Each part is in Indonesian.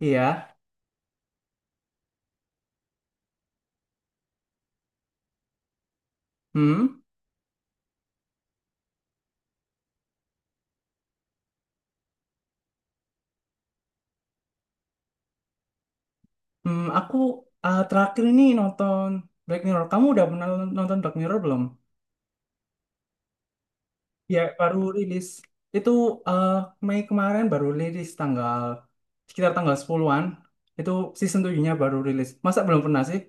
Iya. Hmm. Aku terakhir ini nonton Black Mirror. Kamu udah pernah nonton Black Mirror belum? Ya, baru rilis. Itu eh, Mei kemarin baru rilis tanggal sekitar tanggal sepuluhan. Itu season 7-nya baru rilis. Masa belum pernah sih?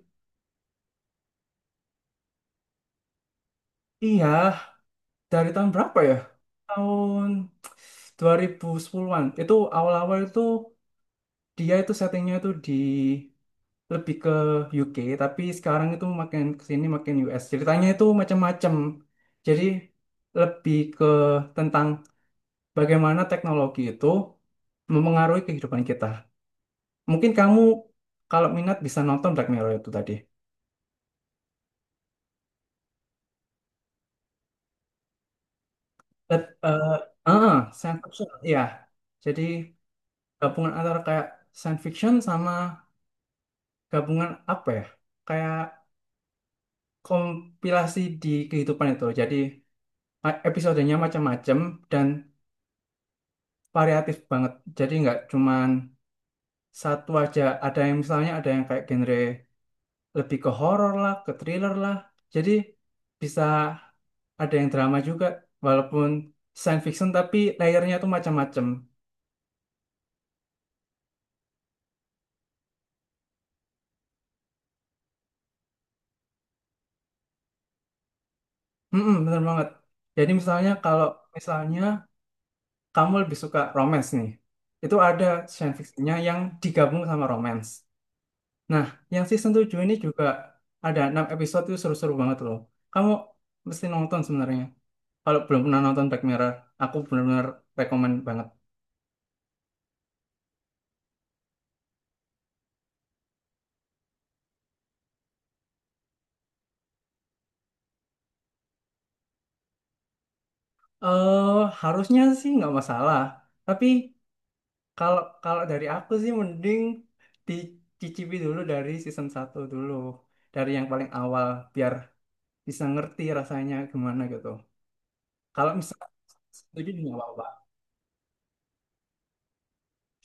Iya, dari tahun berapa ya? Tahun 2010-an. Itu awal-awal itu, dia itu settingnya itu di, lebih ke UK. Tapi sekarang itu makin kesini makin US. Ceritanya itu macam-macam, jadi lebih ke tentang bagaimana teknologi itu mempengaruhi kehidupan kita. Mungkin kamu kalau minat bisa nonton Black Mirror itu tadi. Eh, eh, ah, Science fiction ya. Jadi gabungan antara kayak science fiction sama gabungan apa ya, kayak kompilasi di kehidupan itu. Jadi episodenya macam-macam dan variatif banget. Jadi nggak cuman satu aja. Ada yang misalnya, ada yang kayak genre lebih ke horor lah, ke thriller lah. Jadi bisa ada yang drama juga, walaupun science fiction tapi layernya tuh macam-macam. Mm-mm, bener banget. Jadi misalnya kalau misalnya kamu lebih suka romance nih, itu ada science fictionnya yang digabung sama romance. Nah, yang season 7 ini juga ada 6 episode itu seru-seru banget loh. Kamu mesti nonton sebenarnya. Kalau belum pernah nonton Black Mirror, aku benar-benar rekomen banget. Eh, Harusnya sih nggak masalah. Tapi kalau kalau dari aku sih mending dicicipi dulu dari season satu dulu. Dari yang paling awal biar bisa ngerti rasanya gimana gitu. Kalau misalnya setuju juga nggak apa-apa.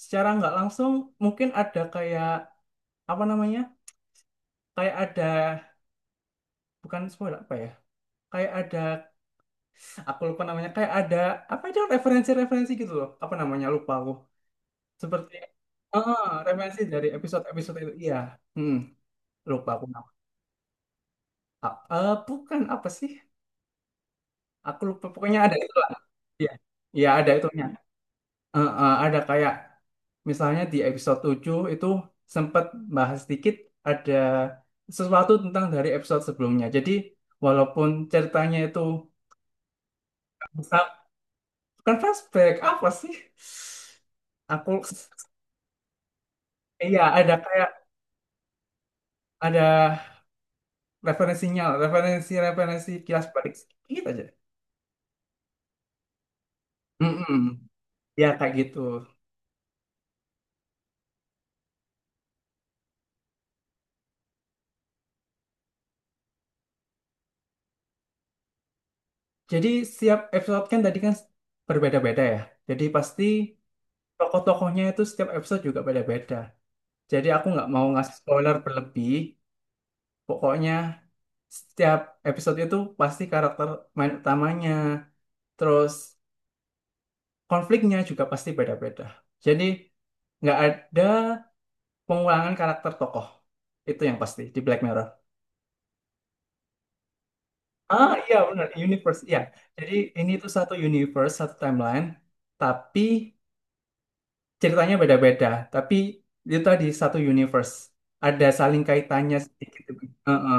Secara nggak langsung mungkin ada kayak apa namanya? Kayak ada, bukan spoiler apa ya? Kayak ada, aku lupa namanya, kayak ada apa itu, referensi-referensi gitu loh. Apa namanya? Lupa aku. Seperti referensi dari episode-episode itu. Iya. Hmm, Lupa aku nama. Bukan apa sih? Aku lupa, pokoknya ada itu lah. Iya. Iya, ada itunya. Ada kayak misalnya di episode 7 itu sempat bahas sedikit, ada sesuatu tentang dari episode sebelumnya. Jadi walaupun ceritanya itu, bukan bukan flashback apa sih? Aku iya, ada kayak ada referensinya, referensi-referensi kilas balik sedikit aja. Mm-mm. Ya kayak gitu. Jadi setiap episode kan tadi kan berbeda-beda ya. Jadi pasti tokoh-tokohnya itu setiap episode juga beda-beda. Jadi aku nggak mau ngasih spoiler berlebih. Pokoknya setiap episode itu pasti karakter main utamanya, terus konfliknya juga pasti beda-beda. Jadi nggak ada pengulangan karakter tokoh. Itu yang pasti di Black Mirror. Iya benar, universe ya. Jadi ini tuh satu universe, satu timeline, tapi ceritanya beda-beda, tapi itu tadi satu universe. Ada saling kaitannya sedikit. Heeh.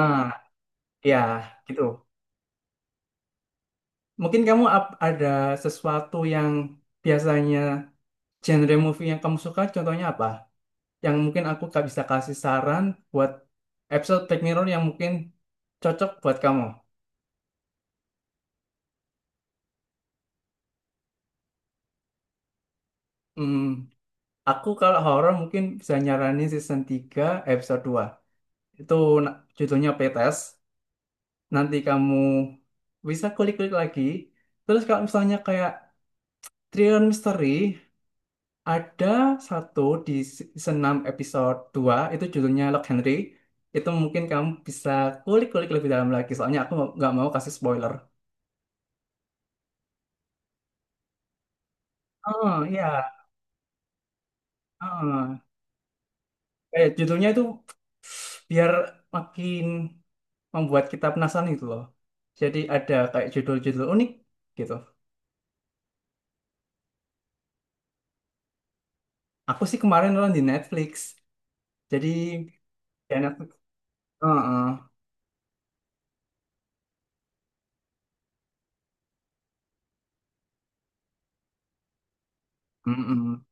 Ah, Ya, gitu. Mungkin kamu ada sesuatu yang biasanya genre movie yang kamu suka, contohnya apa? Yang mungkin aku gak bisa kasih saran buat episode Black Mirror yang mungkin cocok buat kamu. Hmm, aku kalau horor mungkin bisa nyaranin season 3 episode 2. Itu judulnya Playtest. Nanti kamu bisa klik-klik lagi. Terus kalau misalnya kayak Triliun Misteri, ada satu di season 6 episode dua, itu judulnya Lock Henry. Itu mungkin kamu bisa kulik-kulik lebih dalam lagi, soalnya aku nggak mau kasih spoiler. Oh iya, oh. Kayak judulnya itu biar makin membuat kita penasaran gitu loh. Jadi ada kayak judul-judul unik gitu. Aku sih kemarin nonton di Netflix, jadi ya Netflix. Oh, oh. Mm-mm.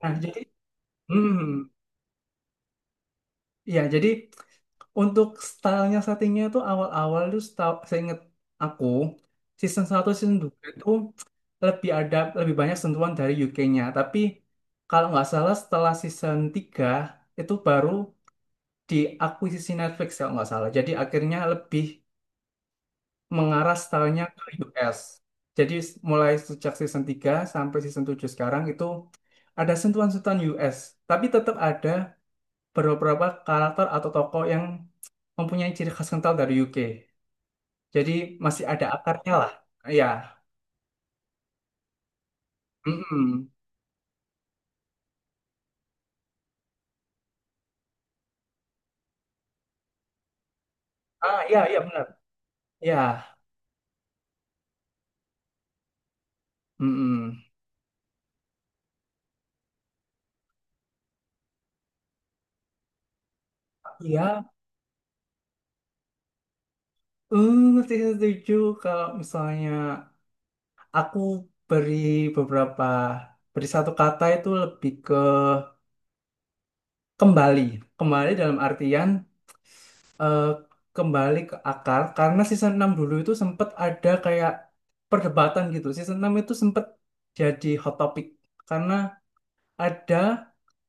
Nah, jadi, hmm, ya, jadi untuk stylenya, settingnya tuh awal-awal tuh setahu saya, inget aku season satu season 2 itu lebih banyak sentuhan dari UK-nya. Tapi kalau nggak salah setelah season 3 itu baru diakuisisi Netflix kalau nggak salah. Jadi akhirnya lebih mengarah stylenya ke US. Jadi mulai sejak season 3 sampai season 7 sekarang itu ada sentuhan-sentuhan US, tapi tetap ada beberapa karakter atau tokoh yang mempunyai ciri khas kental dari UK. Jadi masih ada akarnya lah. Iya. Mm-mm. Iya, iya benar. Iya. Mm-mm. Iya. Eh, saya setuju kalau misalnya aku beri beberapa beri satu kata itu lebih ke kembali. Kembali dalam artian eh, kembali ke akar, karena season 6 dulu itu sempat ada kayak perdebatan gitu. Season 6 itu sempat jadi hot topic karena ada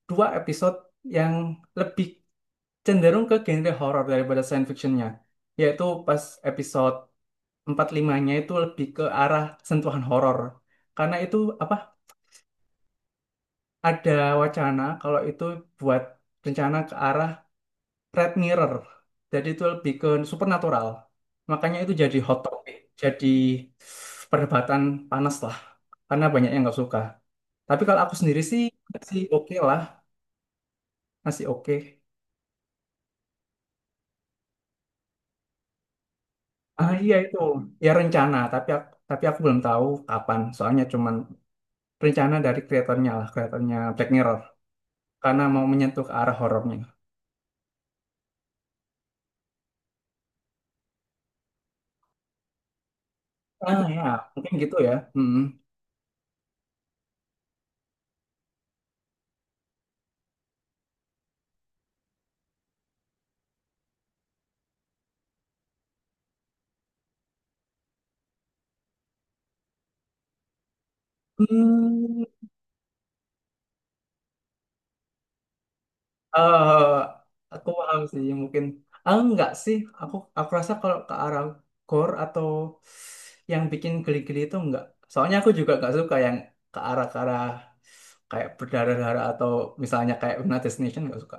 dua episode yang lebih cenderung ke genre horor daripada science fictionnya, yaitu pas episode 45-nya itu lebih ke arah sentuhan horor. Karena itu apa, ada wacana kalau itu buat rencana ke arah Red Mirror, jadi itu lebih ke supernatural. Makanya itu jadi hot topic, jadi perdebatan panas lah karena banyak yang nggak suka. Tapi kalau aku sendiri sih sih oke lah. Masih oke. Iya itu ya rencana, tapi aku belum tahu kapan. Soalnya cuman rencana dari kreatornya lah, kreatornya Black Mirror. Karena mau menyentuh ke arah horornya. Ya, mungkin gitu ya. Mm-mm. Hmm, eh, aku paham sih mungkin. Enggak sih, aku rasa kalau ke arah gore atau yang bikin geli-geli itu enggak. Soalnya aku juga enggak suka yang ke arah kayak berdarah-darah atau misalnya kayak Final Destination, enggak suka.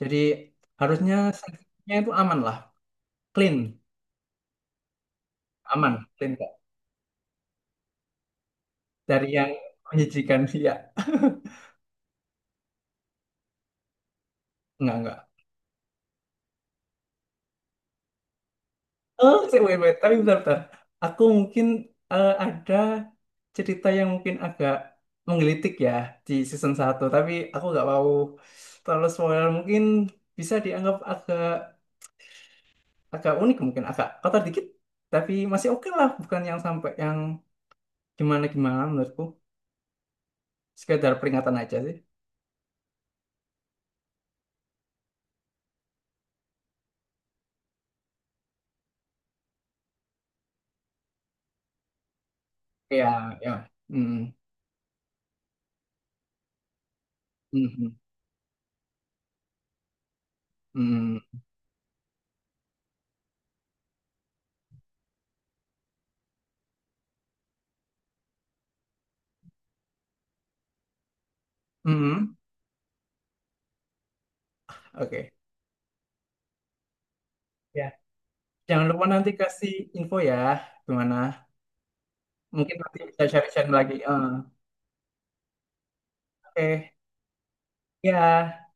Jadi harusnya seksnya itu aman lah, clean, aman, clean kok. Dari yang menjijikan sih ya, enggak enggak. Oh, sih, wait, wait. Tapi bentar, bentar. Aku mungkin ada cerita yang mungkin agak menggelitik ya di season satu, tapi aku nggak mau terlalu spoiler. Mungkin bisa dianggap agak agak unik, mungkin agak kotor dikit, tapi masih oke lah. Bukan yang sampai yang gimana gimana menurutku. Sekedar peringatan aja sih. Ya, ya. Hmm. Hmm, hmm, oke. Ya, jangan lupa nanti kasih info ya, gimana? Mungkin nanti bisa sharing-sharing lagi. Oke, ya.